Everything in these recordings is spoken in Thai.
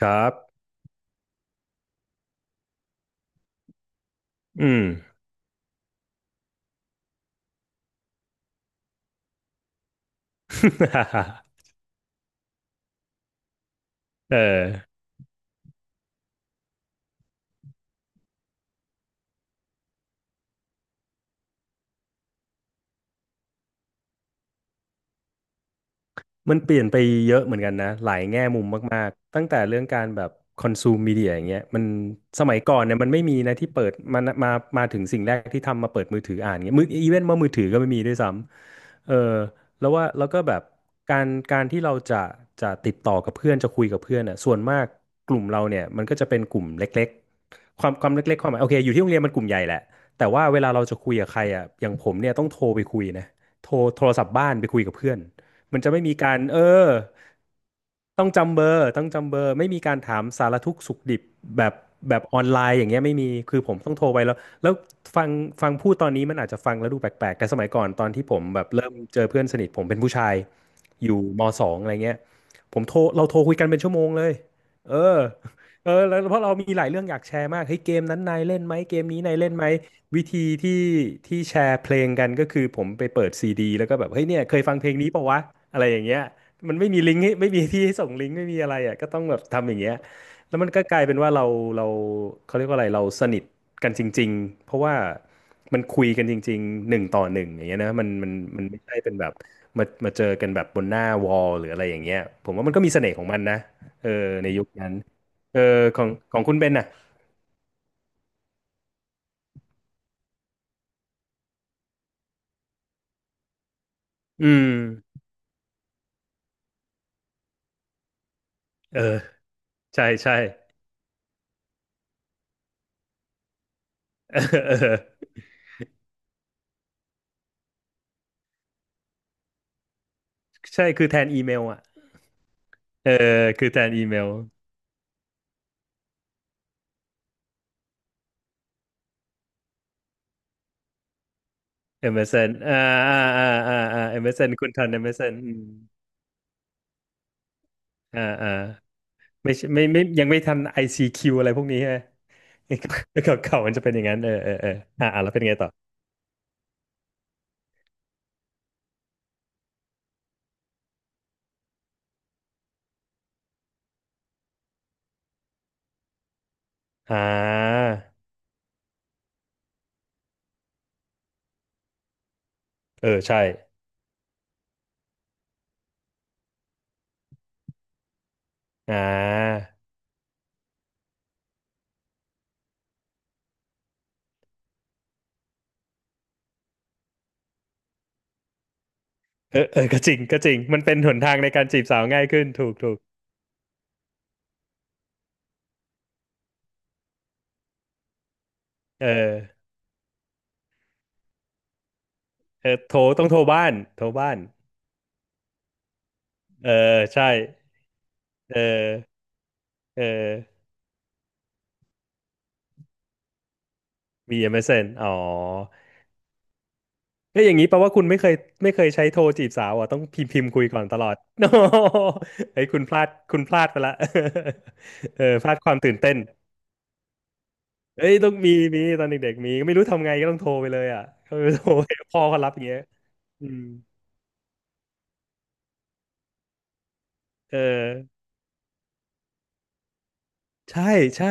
ครับ อืม เออ มันเปลี่ยนไปเยอะเหมือนกันนะหลายแง่มุมมากๆตั้งแต่เรื่องการแบบคอนซูมมีเดียอย่างเงี้ยมันสมัยก่อนเนี่ยมันไม่มีนะที่เปิดมามาถึงสิ่งแรกที่ทำมาเปิดมือถืออ่านเงี้ยมืออีเวนต์ว่ามือถือก็ไม่มีด้วยซ้ำแล้วว่าแล้วก็แบบการที่เราจะจะติดต่อกับเพื่อนจะคุยกับเพื่อนอ่ะส่วนมากกลุ่มเราเนี่ยมันก็จะเป็นกลุ่มเล็กๆความเล็กๆความหมายโอเคอยู่ที่โรงเรียนมันกลุ่มใหญ่แหละแต่ว่าเวลาเราจะคุยกับใครอ่ะอย่างผมเนี่ยต้องโทรไปคุยนะโทรโทรศัพท์บ้านไปคุยกับเพื่อน มันจะไม่มีการต้องจำเบอร์ต้องจำเบอร์ไม่มีการถามสารทุกข์สุขดิบแบบแบบออนไลน์อย่างเงี้ยไม่มีคือผมต้องโทรไปแล้วแล้วฟังฟังพูดตอนนี้มันอาจจะฟังแล้วดูแปลกๆแต่สมัยก่อนตอนที่ผมแบบเริ่มเจอเพื่อนสนิทผมเป็นผู้ชายอยู่มสองอะไรเงี้ยผมโทรเราโทรคุยกันเป็นชั่วโมงเลยเออเออแล้วเพราะเรามีหลายเรื่องอยากแชร์มากเฮ้ยเกมนั้นนายเล่นไหมเกมนี้นายเล่นไหม วิธีที่ที่แชร์เพลงกันก็คือผมไปเปิดซีดีแล้วก็แบบเฮ้ยเนี่ยเคยฟังเพลงนี้ปะวะอะไรอย่างเงี้ยมันไม่มีลิงก์ให้ไม่มีที่ให้ส่งลิงก์ไม่มีอะไรอ่ะก็ต้องแบบทำอย่างเงี้ยแล้วมันก็กลายเป็นว่าเราเขาเรียกว่าอะไรเราสนิทกันจริงๆเพราะว่ามันคุยกันจริงๆหนึ่งต่อหนึ่งอย่างเงี้ยนะมันมันไม่ใช่เป็นแบบมาเจอกันแบบบนหน้าวอลหรืออะไรอย่างเงี้ยผมว่ามันก็มีเสน่ห์ของมันนะเออในยุคนั้นเออของของคุณเบนน่ะอืมเออใช่ใช่ เออเออ ใช่คือแทนอีเมลอ่ะเออคือแทนอีเมล MSN อมเอสเอ็นอ่า m s นคุณทัน m ม n อสเอ็นอืมอ่าอ่าไม่ใช่ไม่ไม่ยังไม่ทัน ICQ อซีคิวอะไรพวกนี้ใช่ไหม เก่าเก่ามันจะเป็นอย่างนั้นแล้วเป็นไงต่ออ่าเออใช่อ่าเออเออก็จริงก็จริงมันเป็นหนทางในการจีบสาวง่ายขึ้นถูกถูกเออโทรต้องโทรบ้านโทรบ้านเออใช่เออเออมี m s นอ๋อ ก็อย่างนี้แปลว่าคุณไม่เคยไม่เคยใช้โทรจีบสาวอ่ะต้องพิมพ์พิมพ์คุยก่อนตลอด โนเฮ้ยคุณพลาดคุณพลาดไปละ เออพลาดความตื่นเต้นเอ้ยต้องมีมีตอนเด็กๆมีไม่รู้ทำไงก็ต้องโทรไปเลยอ่ะก็ไม่รู้โทรไป พ่อเขารับอย่างเงี้ยอืมเออใช่ใช่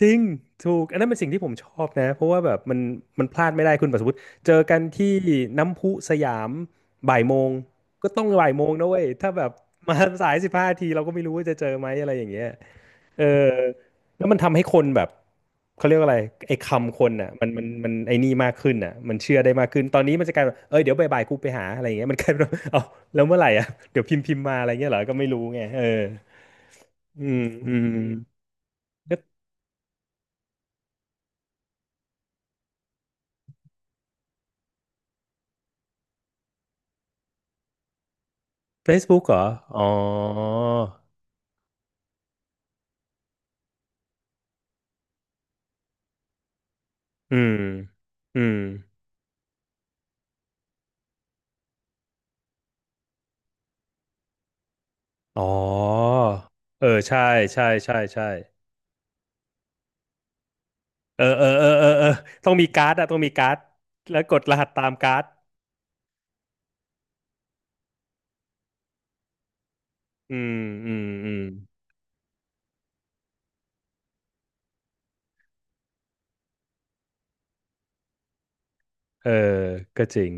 จริงถูกอันนั้นเป็นสิ่งที่ผมชอบนะเพราะว่าแบบมันมันพลาดไม่ได้คุณปัสวุฒิเจอกันที่น้ำพุสยามบ่ายโมงก็ต้องบ่ายโมงนะเว้ยถ้าแบบมาสายสิบห้าทีเราก็ไม่รู้ว่าจะเจอไหมอะไรอย่างเงี้ย เออแล้วมันทำให้คนแบบเขาเรียกว่าอะไรไอ้คำคนอ่ะมันมันไอ้นี่มากขึ้นอ่ะมันเชื่อได้มากขึ้นตอนนี้มันจะกลายเป็นเอ้ยเดี๋ยวบ่ายๆกูไปหาอะไรอย่างเงี้ยมันกลายเป็นว่า เอาแล้วเมื่อไหร่อ่ะเดี๋ยวพิมพ์พิมพ์มาอะไรเงี้ยเหรอก็ไม่รู้ไงเอออืมอืมก็ Facebook เหรออ๋ออืมอืมอ๋อเออใช่ใช่ใช่ใช่เออเออเออเออเออต้องมีการ์ดอะต้องมีการ์ดแล้วกดรหัสตามการ์ดอืมอืมอืม เออก็จริง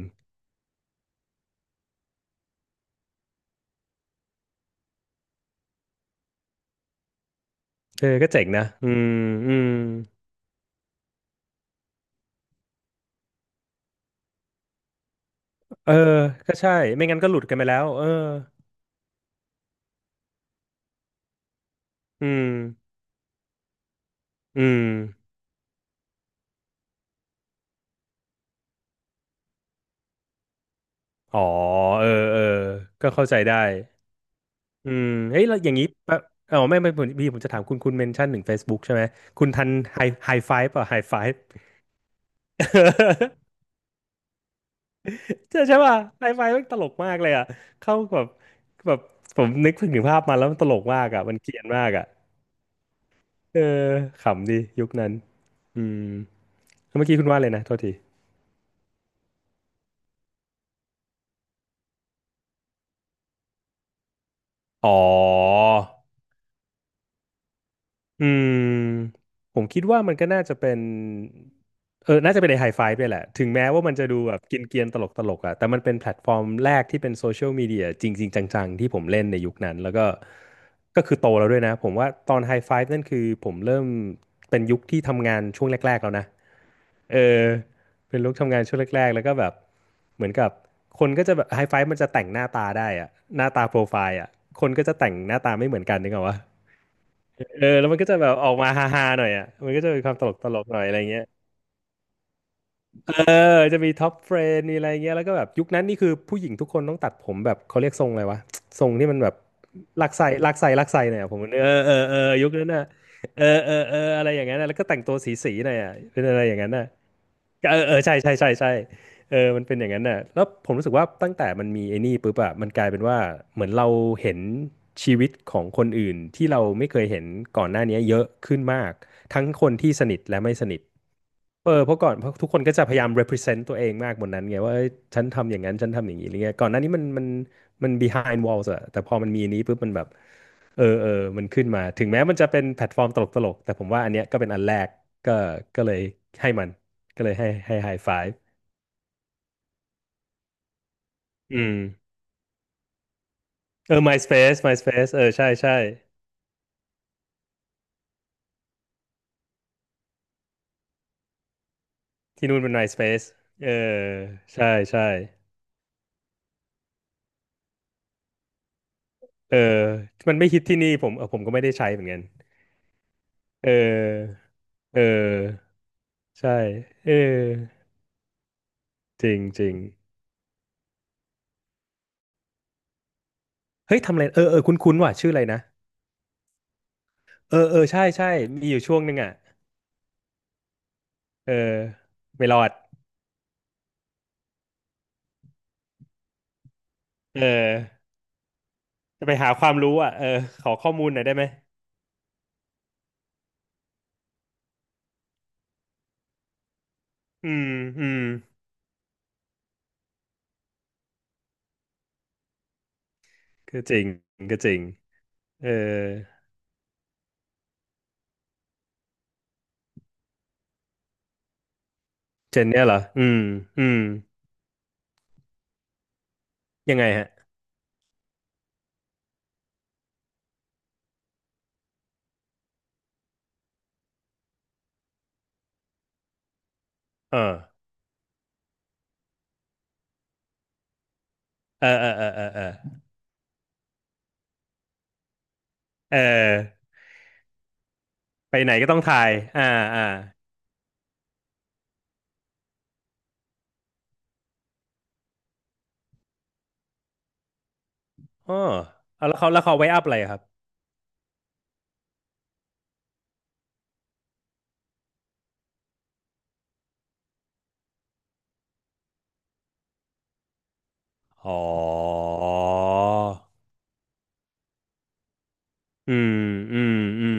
เออก็เจ๋งนะอืมอืมเออก็ใช่ ไม่งั้นก็หลุดกันไปแล้วเอออืมอืมอ๋อเออเออก็เข้าใจได้อืมเฮ้ยแล้วอย่างนี้แปะอ๋อไม่ไม่ผมพี่ผมจะถามคุณคุณเมนชั่นถึง Facebook ใช่ไหม คุณทันไฮไฮไฟฟ์ป่ะไฮไฟฟ์ ใช่ใช่ป่ะไฮไฟฟ์มันตลกมากเลยอ่ะเข้าแบบแบบผมนึกถึงภาพมาแล้วมันตลกมากอ่ะมันเกรียนมากอ่ะเออขำดียุคนั้นอืม เมื่อกี้คุณว่าเลยนะโทษทีอ๋อ อืม ผมคิดว่ามันก็น่าจะเป็นน่าจะเป็นไอไฮไฟว์ด้วยแหละ ถึงแม้ว่ามันจะดูแบบกินเกรียนๆตลกตลกอะแต่มันเป็นแพลตฟอร์มแรกที่เป็นโซเชียลมีเดียจริงๆจังๆที่ผมเล่นในยุคนั้น แล้วก็ ก็คือโตแล้วด้วยนะ ผมว่าตอนไฮไฟว์นั่นคือผมเริ่มเป็นยุคที่ทำงานช่วงแรกๆแล้วนะ เออเป็นลุคทำงานช่วงแรกๆแล้วก็แบบเหมือนกับคนก็จะแบบไฮไฟมันจะแต่งหน้าตาได้อะหน้าตาโปรไฟล์อะคนก็จะแต่งหน้าตาไม่เหมือนกันนึกออกปะเออแล้วมันก็จะแบบออกมาฮาๆหน่อยอะมันก็จะมีความตลกตลกหน่อยอะไรเงี้ยเออจะมีท็อปเฟรนมีอะไรเงี้ยแล้วก็แบบยุคนั้นนี่คือผู้หญิงทุกคนต้องตัดผมแบบเขาเรียกทรงอะไรวะทรงที่มันแบบลักไส้หน่อยอะผมเออเออเออยุคนั้นน่ะเออเออเอออะไรอย่างนั้นน่ะแล้วก็แต่งตัวสีๆหน่อยอะเป็นอะไรอย่างนั้นน่ะ เออเออใช่ใช่ใช่ใช่เออมันเป็นอย่างนั้นน่ะแล้วผมรู้สึกว่าตั้งแต่มันมีไอ้นี่ปุ๊บอะมันกลายเป็นว่าเหมือนเราเห็นชีวิตของคนอื่นที่เราไม่เคยเห็นก่อนหน้านี้เยอะขึ้นมากทั้งคนที่สนิทและไม่สนิท เออเพราะก่อนเพราะทุกคนก็จะพยายาม represent ตัวเองมากบนนั้นไงว่าเอ้ยฉันทำอย่างนั้นฉันทำอย่างนี้อะไรเงี้ยก่อนหน้านี้มัน behind walls อะแต่พอมันมีอันนี้ปุ๊บมันแบบเออเออมันขึ้นมาถึงแม้มันจะเป็นแพลตฟอร์มตลกๆแต่ผมว่าอันเนี้ยก็เป็นอันแรกก็ก็เลยให้มันก็เลยให้ high five อืมเออ MySpace เออใช่ใช่ที่นู่นเป็น MySpace เออใช่ใช่เออมันไม่ฮิตที่นี่ผมเออผมก็ไม่ได้ใช้เหมือนกันเออเออ ใช่เออจริงจริงเฮ้ยทำอะไรเออเออคุ้นคุ้นว่ะชื่ออะไรนะเออเออใช่ใช่มีอยู่ช่วงหนึ่งอ่ะเออไม่รอดเออจะไปหาความรู้อ่ะเออขอข้อมูลหน่อยได้ไหมอืมอืมก็จริงก็จริงเออเจนเนี่ยเหรออืมอืมยังไงฮะเออเออเออเออเออเออเออไปไหนก็ต้องถ่ายอ่าอ่าอ๋อเอาแล้วเขาแล้วเขาไว้อัพอะไรอะครับอ๋ออืมอืมอืม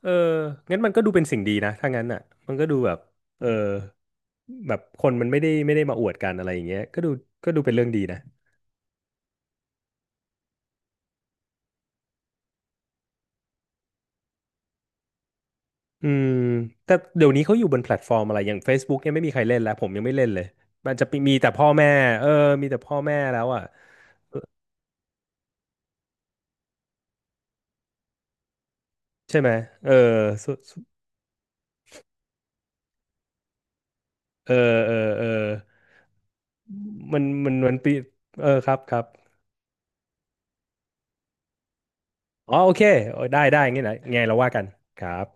เอองั้นมันก็ดูเป็นสิ่งดีนะถ้างั้นอ่ะมันก็ดูแบบเออแบบคนมันไม่ได้มาอวดกันอะไรอย่างเงี้ยก็ดูเป็นเรื่องดีนะอืมแต่เดี๋ยวนี้เขาอยู่บนแพลตฟอร์มอะไรอย่าง Facebook เนี่ยไม่มีใครเล่นแล้วผมยังไม่เล่นเลยมันจะมีแต่พ่อแม่เออมีแต่พ่อแม่แล้วอ่ะใช่ไหมเออสุสุเออเออเออมันปีเออครับครับอ๋อโอเคโอ้ยได้ ได้งี้นะไงเราว่ากันครับ